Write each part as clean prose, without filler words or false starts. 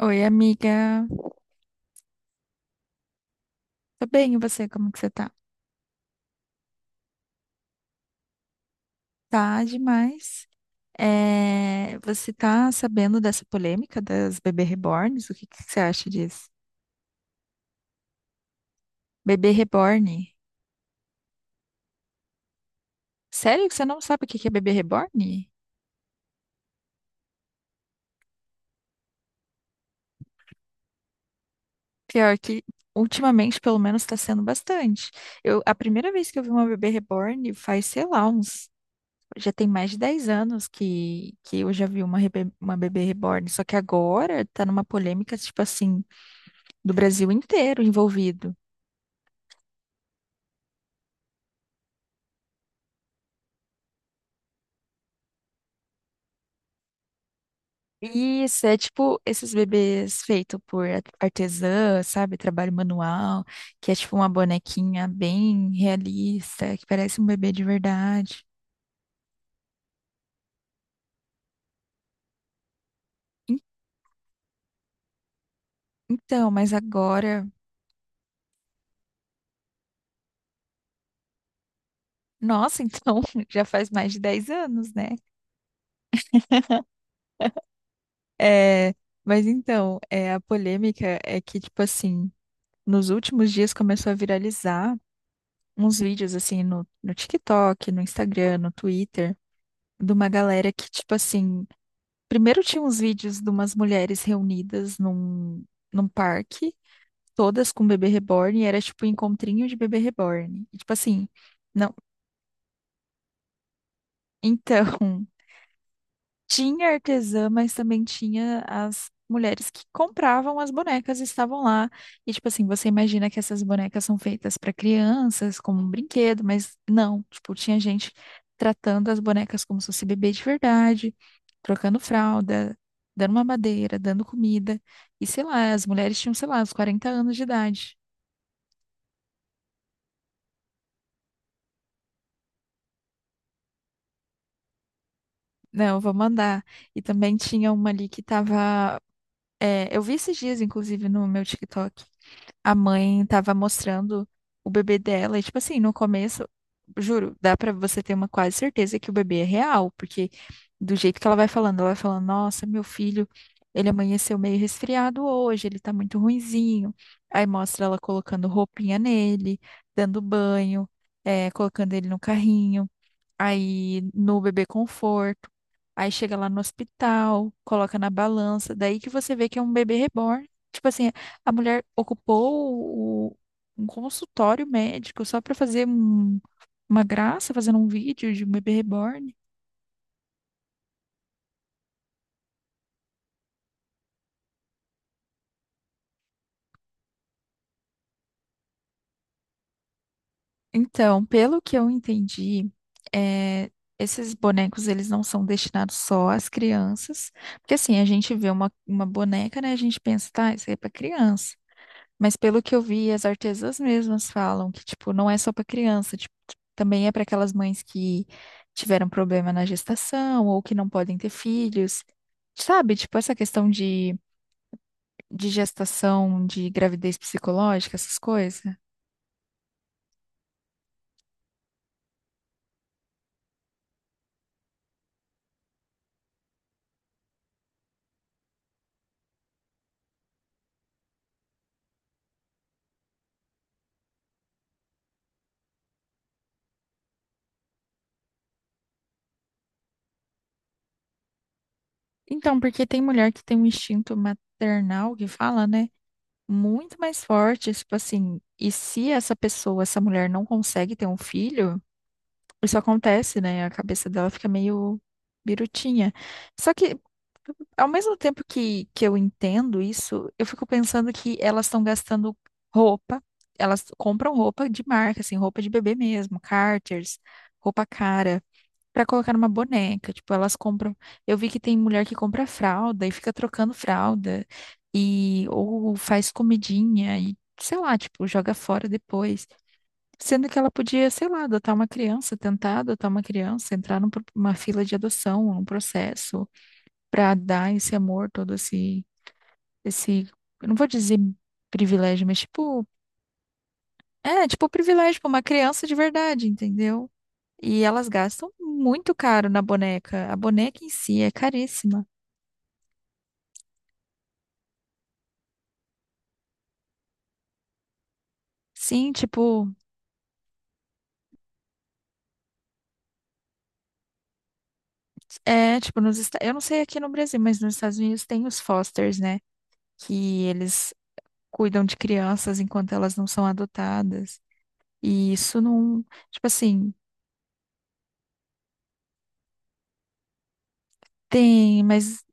Oi, amiga. Tô bem, e você? Como que você tá? Tá demais. É, você tá sabendo dessa polêmica das bebê reborns? O que que você acha disso? Bebê reborn? Sério que você não sabe o que que é bebê reborn? Pior que, ultimamente, pelo menos, tá sendo bastante. Eu, a primeira vez que eu vi uma bebê reborn faz, sei lá, uns... Já tem mais de 10 anos que eu já vi uma bebê reborn. Só que agora tá numa polêmica, tipo assim, do Brasil inteiro envolvido. Isso, é tipo esses bebês feitos por artesã, sabe? Trabalho manual, que é tipo uma bonequinha bem realista, que parece um bebê de verdade. En- Então, mas agora. Nossa, então, já faz mais de 10 anos, né? É, mas então, é, a polêmica é que, tipo assim, nos últimos dias começou a viralizar uns vídeos, assim, no TikTok, no Instagram, no Twitter, de uma galera que, tipo assim. Primeiro tinha uns vídeos de umas mulheres reunidas num parque, todas com bebê reborn, e era tipo um encontrinho de bebê reborn. E, tipo assim, não. Então, tinha artesã, mas também tinha as mulheres que compravam as bonecas e estavam lá. E, tipo assim, você imagina que essas bonecas são feitas para crianças, como um brinquedo, mas não. Tipo, tinha gente tratando as bonecas como se fosse bebê de verdade, trocando fralda, dando mamadeira, dando comida. E sei lá, as mulheres tinham, sei lá, uns 40 anos de idade. Não, vou mandar. E também tinha uma ali que tava. É, eu vi esses dias, inclusive, no meu TikTok. A mãe tava mostrando o bebê dela, e tipo assim, no começo, juro, dá pra você ter uma quase certeza que o bebê é real, porque do jeito que ela vai falando, nossa, meu filho, ele amanheceu meio resfriado hoje, ele tá muito ruinzinho. Aí mostra ela colocando roupinha nele, dando banho, colocando ele no carrinho aí no bebê conforto, aí chega lá no hospital, coloca na balança, daí que você vê que é um bebê reborn. Tipo assim, a mulher ocupou um consultório médico só para fazer uma graça, fazendo um vídeo de um bebê reborn. Então, pelo que eu entendi, é, esses bonecos eles não são destinados só às crianças, porque assim, a gente vê uma boneca, né? A gente pensa, tá, isso aí é para criança. Mas pelo que eu vi, as artesãs mesmas falam que, tipo, não é só para criança, tipo, também é para aquelas mães que tiveram problema na gestação ou que não podem ter filhos. Sabe, tipo, essa questão de gestação, de gravidez psicológica, essas coisas. Então, porque tem mulher que tem um instinto maternal que fala, né? Muito mais forte, tipo assim, e se essa pessoa, essa mulher não consegue ter um filho, isso acontece, né? A cabeça dela fica meio birutinha. Só que, ao mesmo tempo que eu entendo isso, eu fico pensando que elas estão gastando roupa, elas compram roupa de marca, assim, roupa de bebê mesmo, Carters, roupa cara, pra colocar numa boneca. Tipo, elas compram. Eu vi que tem mulher que compra fralda e fica trocando fralda, e ou faz comidinha, e sei lá, tipo, joga fora depois. Sendo que ela podia, sei lá, adotar uma criança, tentar adotar uma criança, entrar numa fila de adoção, num processo, para dar esse amor, todo esse, eu não vou dizer privilégio, mas tipo, é, tipo privilégio para uma criança de verdade, entendeu? E elas gastam muito caro na boneca. A boneca em si é caríssima. Sim, tipo, é, tipo, eu não sei aqui no Brasil, mas nos Estados Unidos tem os fosters, né? Que eles cuidam de crianças enquanto elas não são adotadas. E isso não, tipo assim, tem, mas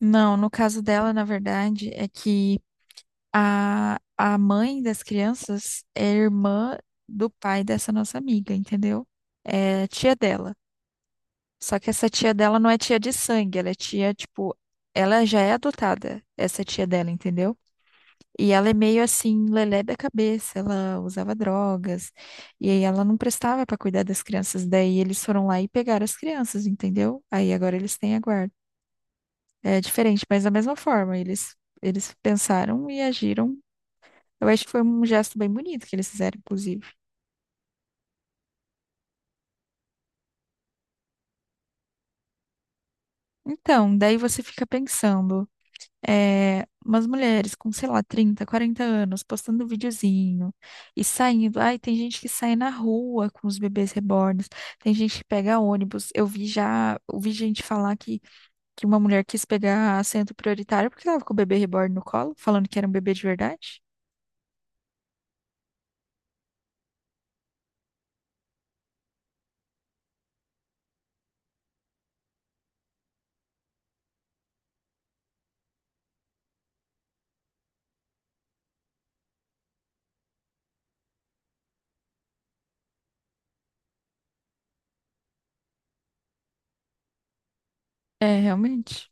não, no caso dela, na verdade, é que a mãe das crianças é irmã do pai dessa nossa amiga, entendeu? É tia dela. Só que essa tia dela não é tia de sangue, ela é tia, tipo, ela já é adotada, essa tia dela, entendeu? E ela é meio assim, lelé da cabeça, ela usava drogas, e aí ela não prestava para cuidar das crianças, daí eles foram lá e pegaram as crianças, entendeu? Aí agora eles têm a guarda. É diferente, mas da mesma forma, eles pensaram e agiram. Eu acho que foi um gesto bem bonito que eles fizeram, inclusive. Então, daí você fica pensando. É, umas mulheres com, sei lá, 30, 40 anos, postando videozinho e saindo. Ai, tem gente que sai na rua com os bebês reborns, tem gente que pega ônibus. Eu vi já, ouvi gente falar que uma mulher quis pegar assento prioritário porque estava com o bebê reborn no colo, falando que era um bebê de verdade. É, realmente.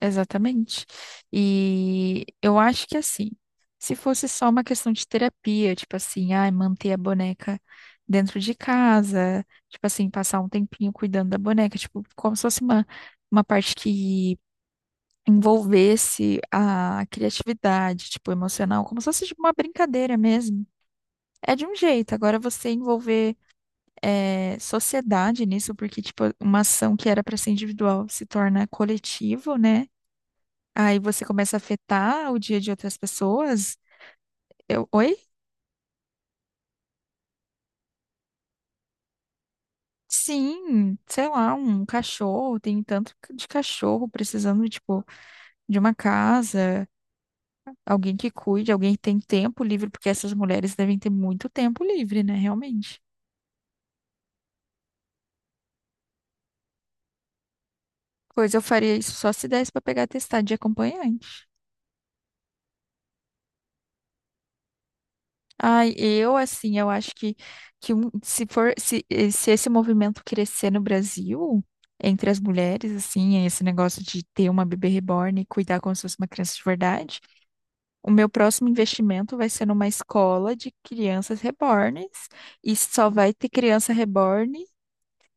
Exatamente. E eu acho que assim, se fosse só uma questão de terapia, tipo assim, ai, manter a boneca dentro de casa, tipo assim, passar um tempinho cuidando da boneca, tipo, como se fosse uma parte que envolvesse a criatividade, tipo, emocional, como se fosse tipo, uma brincadeira mesmo. É de um jeito. Agora você envolver sociedade nisso, porque, tipo, uma ação que era para ser individual se torna coletivo, né? Aí você começa a afetar o dia de outras pessoas. Eu, oi? Sim, sei lá, um cachorro, tem tanto de cachorro precisando, tipo, de uma casa, alguém que cuide, alguém que tem tempo livre, porque essas mulheres devem ter muito tempo livre, né, realmente. Pois eu faria isso só se desse pra pegar atestado de acompanhante. Ai, eu assim, eu acho que um- se for se, eh, se esse movimento crescer no Brasil entre as mulheres, assim, esse negócio de ter uma bebê reborn e cuidar como se fosse uma criança de verdade, o meu próximo investimento vai ser numa escola de crianças rebornes e só vai ter criança reborn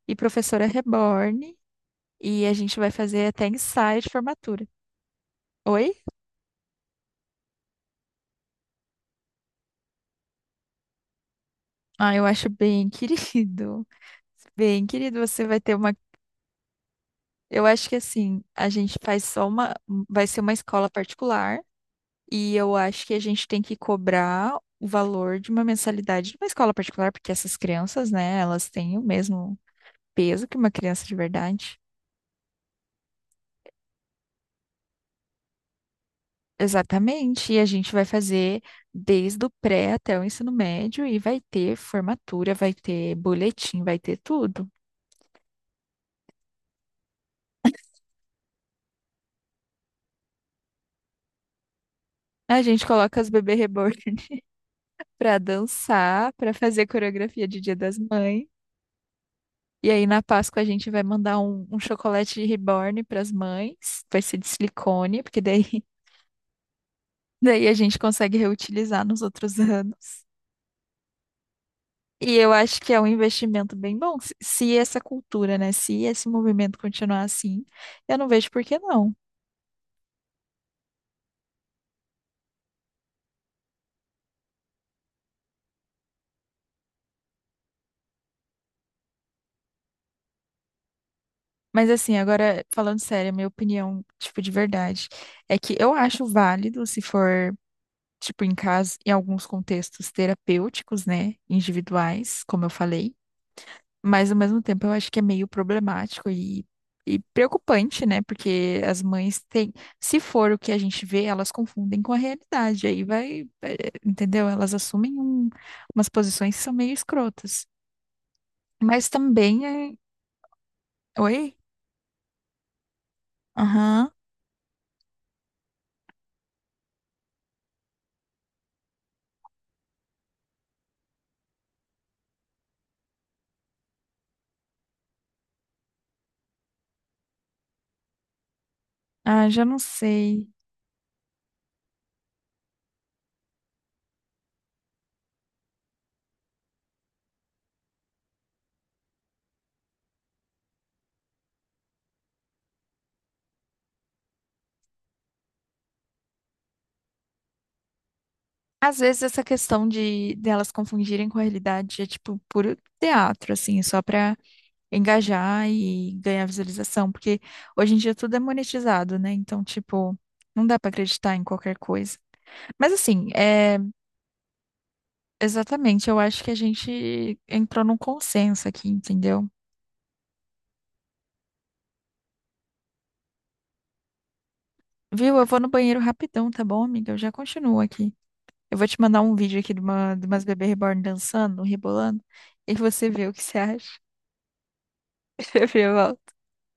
e professora reborn e a gente vai fazer até ensaio de formatura. Oi? Ah, eu acho bem querido. Bem, querido, você vai ter uma... Eu acho que assim, a gente faz só uma, vai ser uma escola particular e eu acho que a gente tem que cobrar o valor de uma mensalidade de uma escola particular, porque essas crianças, né, elas têm o mesmo peso que uma criança de verdade. Exatamente, e a gente vai fazer desde o pré até o ensino médio e vai ter formatura, vai ter boletim, vai ter tudo. A gente coloca as bebê reborn para dançar, para fazer coreografia de Dia das Mães. E aí, na Páscoa, a gente vai mandar um chocolate reborn para as mães. Vai ser de silicone, porque daí, daí a gente consegue reutilizar nos outros anos. E eu acho que é um investimento bem bom. Se essa cultura, né? Se esse movimento continuar assim, eu não vejo por que não. Mas assim, agora, falando sério, a minha opinião, tipo, de verdade, é que eu acho válido se for. Tipo, em casa, em alguns contextos terapêuticos, né? Individuais, como eu falei. Mas ao mesmo tempo eu acho que é meio problemático e preocupante, né? Porque as mães têm, se for o que a gente vê, elas confundem com a realidade. Aí vai, entendeu? Elas assumem umas posições que são meio escrotas. Mas também é. Oi? Aham. Ah, já não sei. Às vezes essa questão de delas confundirem com a realidade é tipo puro teatro, assim, só pra engajar e ganhar visualização, porque hoje em dia tudo é monetizado, né? Então, tipo, não dá pra acreditar em qualquer coisa. Mas assim, é exatamente, eu acho que a gente entrou num consenso aqui, entendeu? Viu? Eu vou no banheiro rapidão, tá bom, amiga? Eu já continuo aqui. Eu vou te mandar um vídeo aqui de umas bebê reborn dançando, rebolando, e você vê o que você acha. Eu volto.